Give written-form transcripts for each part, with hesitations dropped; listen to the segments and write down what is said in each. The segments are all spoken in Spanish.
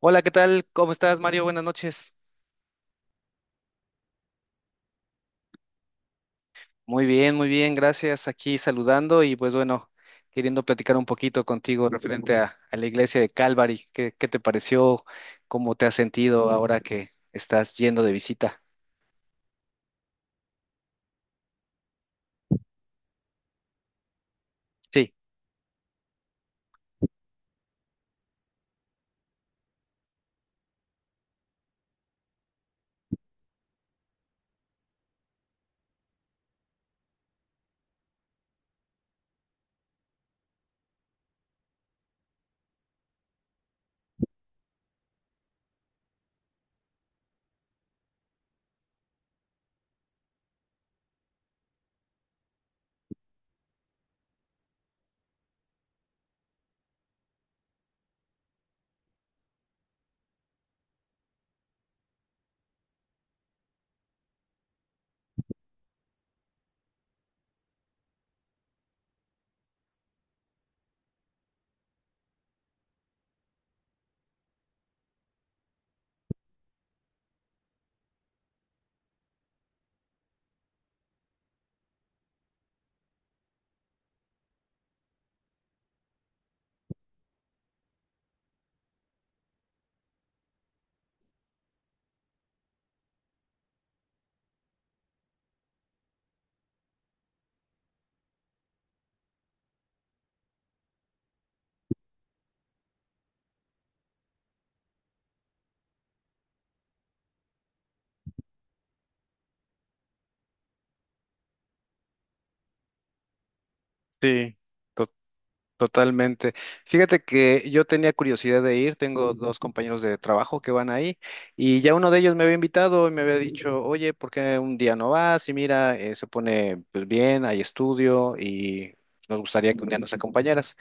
Hola, ¿qué tal? ¿Cómo estás, Mario? Buenas noches. Muy bien, gracias. Aquí saludando y pues bueno, queriendo platicar un poquito contigo referente a la iglesia de Calvary. ¿Qué te pareció? ¿Cómo te has sentido ahora que estás yendo de visita? Sí. Sí, totalmente. Fíjate que yo tenía curiosidad de ir, tengo dos compañeros de trabajo que van ahí y ya uno de ellos me había invitado y me había dicho, oye, ¿por qué un día no vas? Y mira, se pone pues bien, hay estudio y nos gustaría que un día nos acompañaras.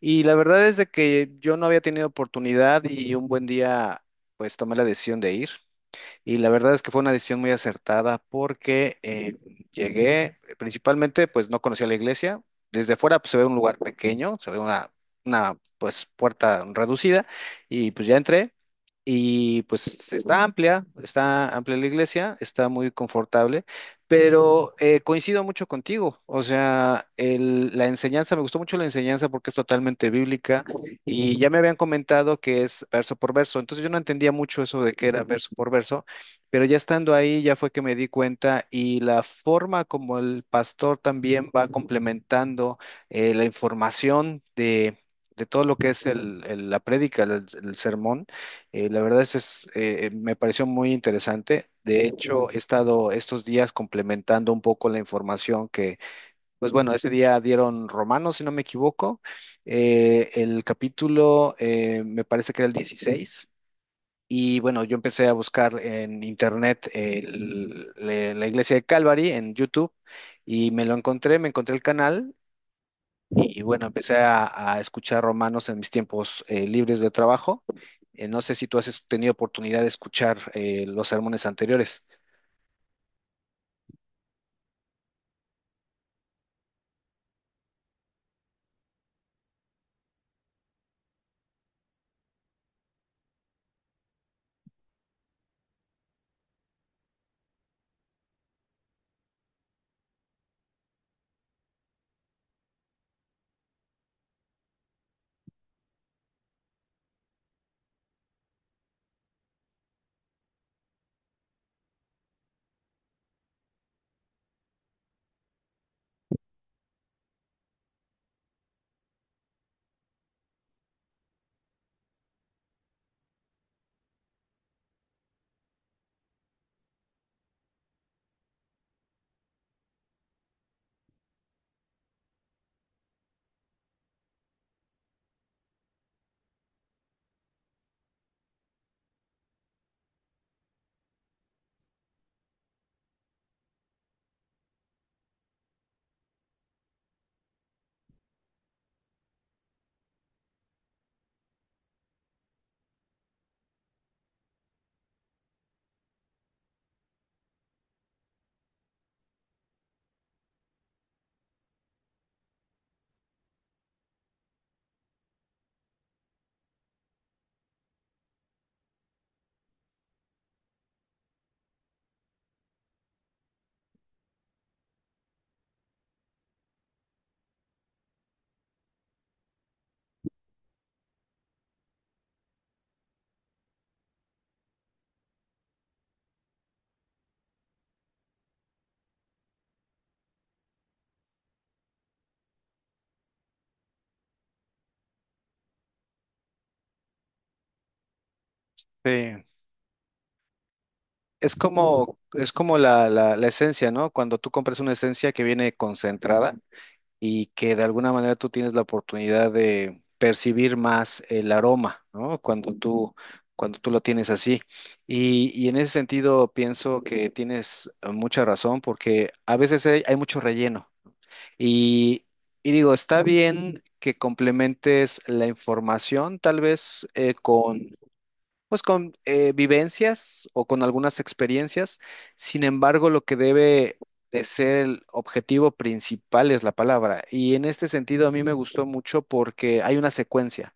Y la verdad es de que yo no había tenido oportunidad y un buen día pues tomé la decisión de ir. Y la verdad es que fue una decisión muy acertada porque llegué, principalmente, pues no conocía la iglesia. Desde fuera pues, se ve un lugar pequeño, se ve una pues, puerta reducida y pues ya entré y pues está amplia la iglesia, está muy confortable, pero coincido mucho contigo. O sea, la enseñanza, me gustó mucho la enseñanza porque es totalmente bíblica. Y ya me habían comentado que es verso por verso, entonces yo no entendía mucho eso de que era verso por verso, pero ya estando ahí, ya fue que me di cuenta y la forma como el pastor también va complementando la información de todo lo que es la prédica, el sermón, la verdad es, me pareció muy interesante. De hecho, he estado estos días complementando un poco la información que, pues bueno, ese día dieron Romanos, si no me equivoco, el capítulo me parece que era el 16, y bueno, yo empecé a buscar en internet la iglesia de Calvary en YouTube y me lo encontré, me encontré el canal y bueno, empecé a escuchar romanos en mis tiempos libres de trabajo. No sé si tú has tenido oportunidad de escuchar los sermones anteriores. Sí. Es como la, la esencia, ¿no? Cuando tú compras una esencia que viene concentrada y que de alguna manera tú tienes la oportunidad de percibir más el aroma, ¿no? Cuando tú lo tienes así. Y en ese sentido pienso que tienes mucha razón porque a veces hay, hay mucho relleno. Y, y digo, está bien que complementes la información tal vez con pues con vivencias o con algunas experiencias. Sin embargo, lo que debe de ser el objetivo principal es la palabra. Y en este sentido a mí me gustó mucho porque hay una secuencia.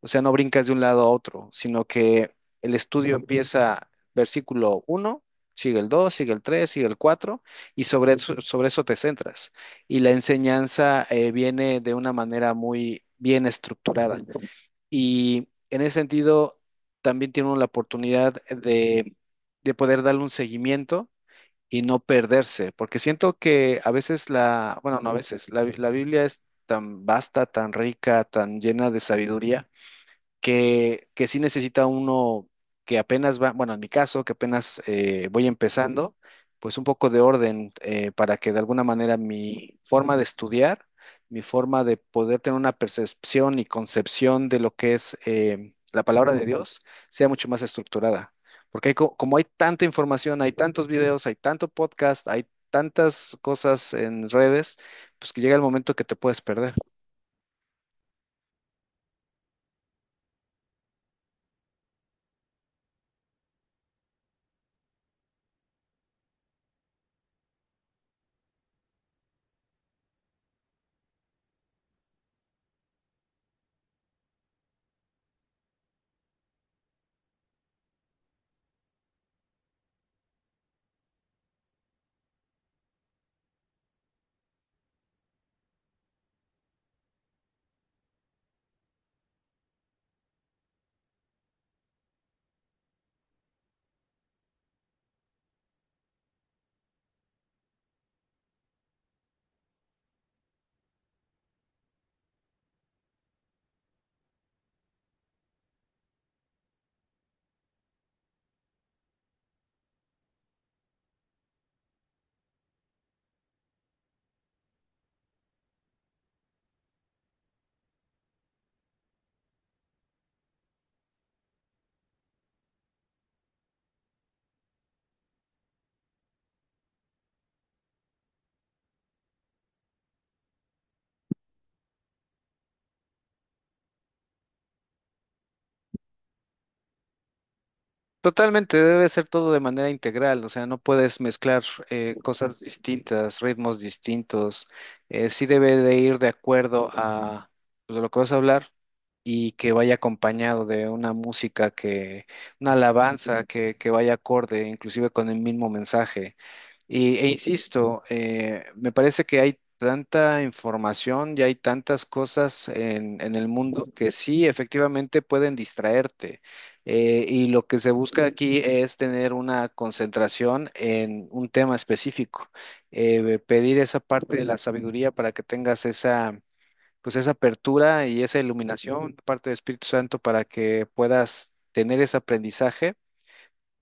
O sea, no brincas de un lado a otro, sino que el estudio empieza versículo uno, sigue el 2, sigue el 3, sigue el 4 y sobre eso te centras. Y la enseñanza viene de una manera muy bien estructurada. Y en ese sentido, también tiene uno la oportunidad de poder darle un seguimiento y no perderse, porque siento que a veces la, bueno, no a veces, la, la Biblia es tan vasta, tan rica, tan llena de sabiduría que sí necesita uno que apenas va, bueno, en mi caso, que apenas voy empezando, pues un poco de orden para que de alguna manera mi forma de estudiar, mi forma de poder tener una percepción y concepción de lo que es la palabra de Dios sea mucho más estructurada. Porque hay como hay tanta información, hay tantos videos, hay tanto podcast, hay tantas cosas en redes, pues que llega el momento que te puedes perder. Totalmente, debe ser todo de manera integral, o sea, no puedes mezclar cosas distintas, ritmos distintos, sí debe de ir de acuerdo a lo que vas a hablar y que vaya acompañado de una música que, una alabanza que vaya acorde, inclusive con el mismo mensaje. Y, e insisto, me parece que hay tanta información y hay tantas cosas en el mundo que sí, efectivamente pueden distraerte. Y lo que se busca aquí es tener una concentración en un tema específico. Pedir esa parte de la sabiduría para que tengas esa, pues esa apertura y esa iluminación, de parte del Espíritu Santo, para que puedas tener ese aprendizaje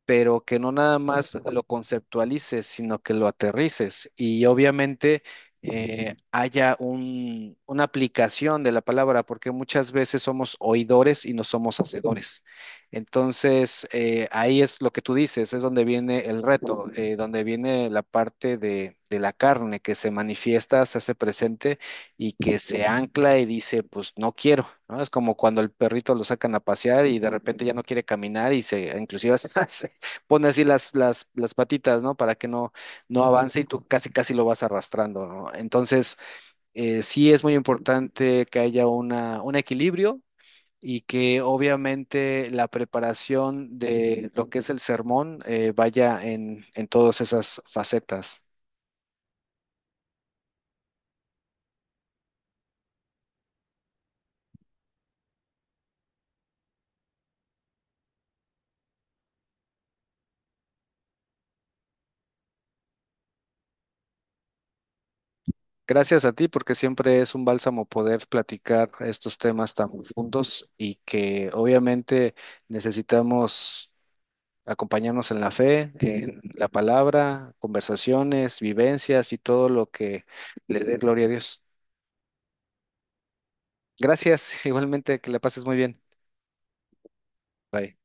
pero que no nada más lo conceptualices, sino que lo aterrices y obviamente haya una aplicación de la palabra, porque muchas veces somos oidores y no somos hacedores. Entonces, ahí es lo que tú dices, es donde viene el reto, donde viene la parte de la carne que se manifiesta, se hace presente y que se ancla y dice, pues no quiero, ¿no? Es como cuando el perrito lo sacan a pasear y de repente ya no quiere caminar y se, inclusive pone así las patitas, ¿no? Para que no, no avance y tú casi, casi lo vas arrastrando, ¿no? Entonces, sí es muy importante que haya una, un equilibrio y que obviamente la preparación de lo que es el sermón vaya en todas esas facetas. Gracias a ti, porque siempre es un bálsamo poder platicar estos temas tan profundos y que obviamente necesitamos acompañarnos en la fe, en la palabra, conversaciones, vivencias y todo lo que le dé gloria a Dios. Gracias, igualmente, que la pases muy bien. Bye.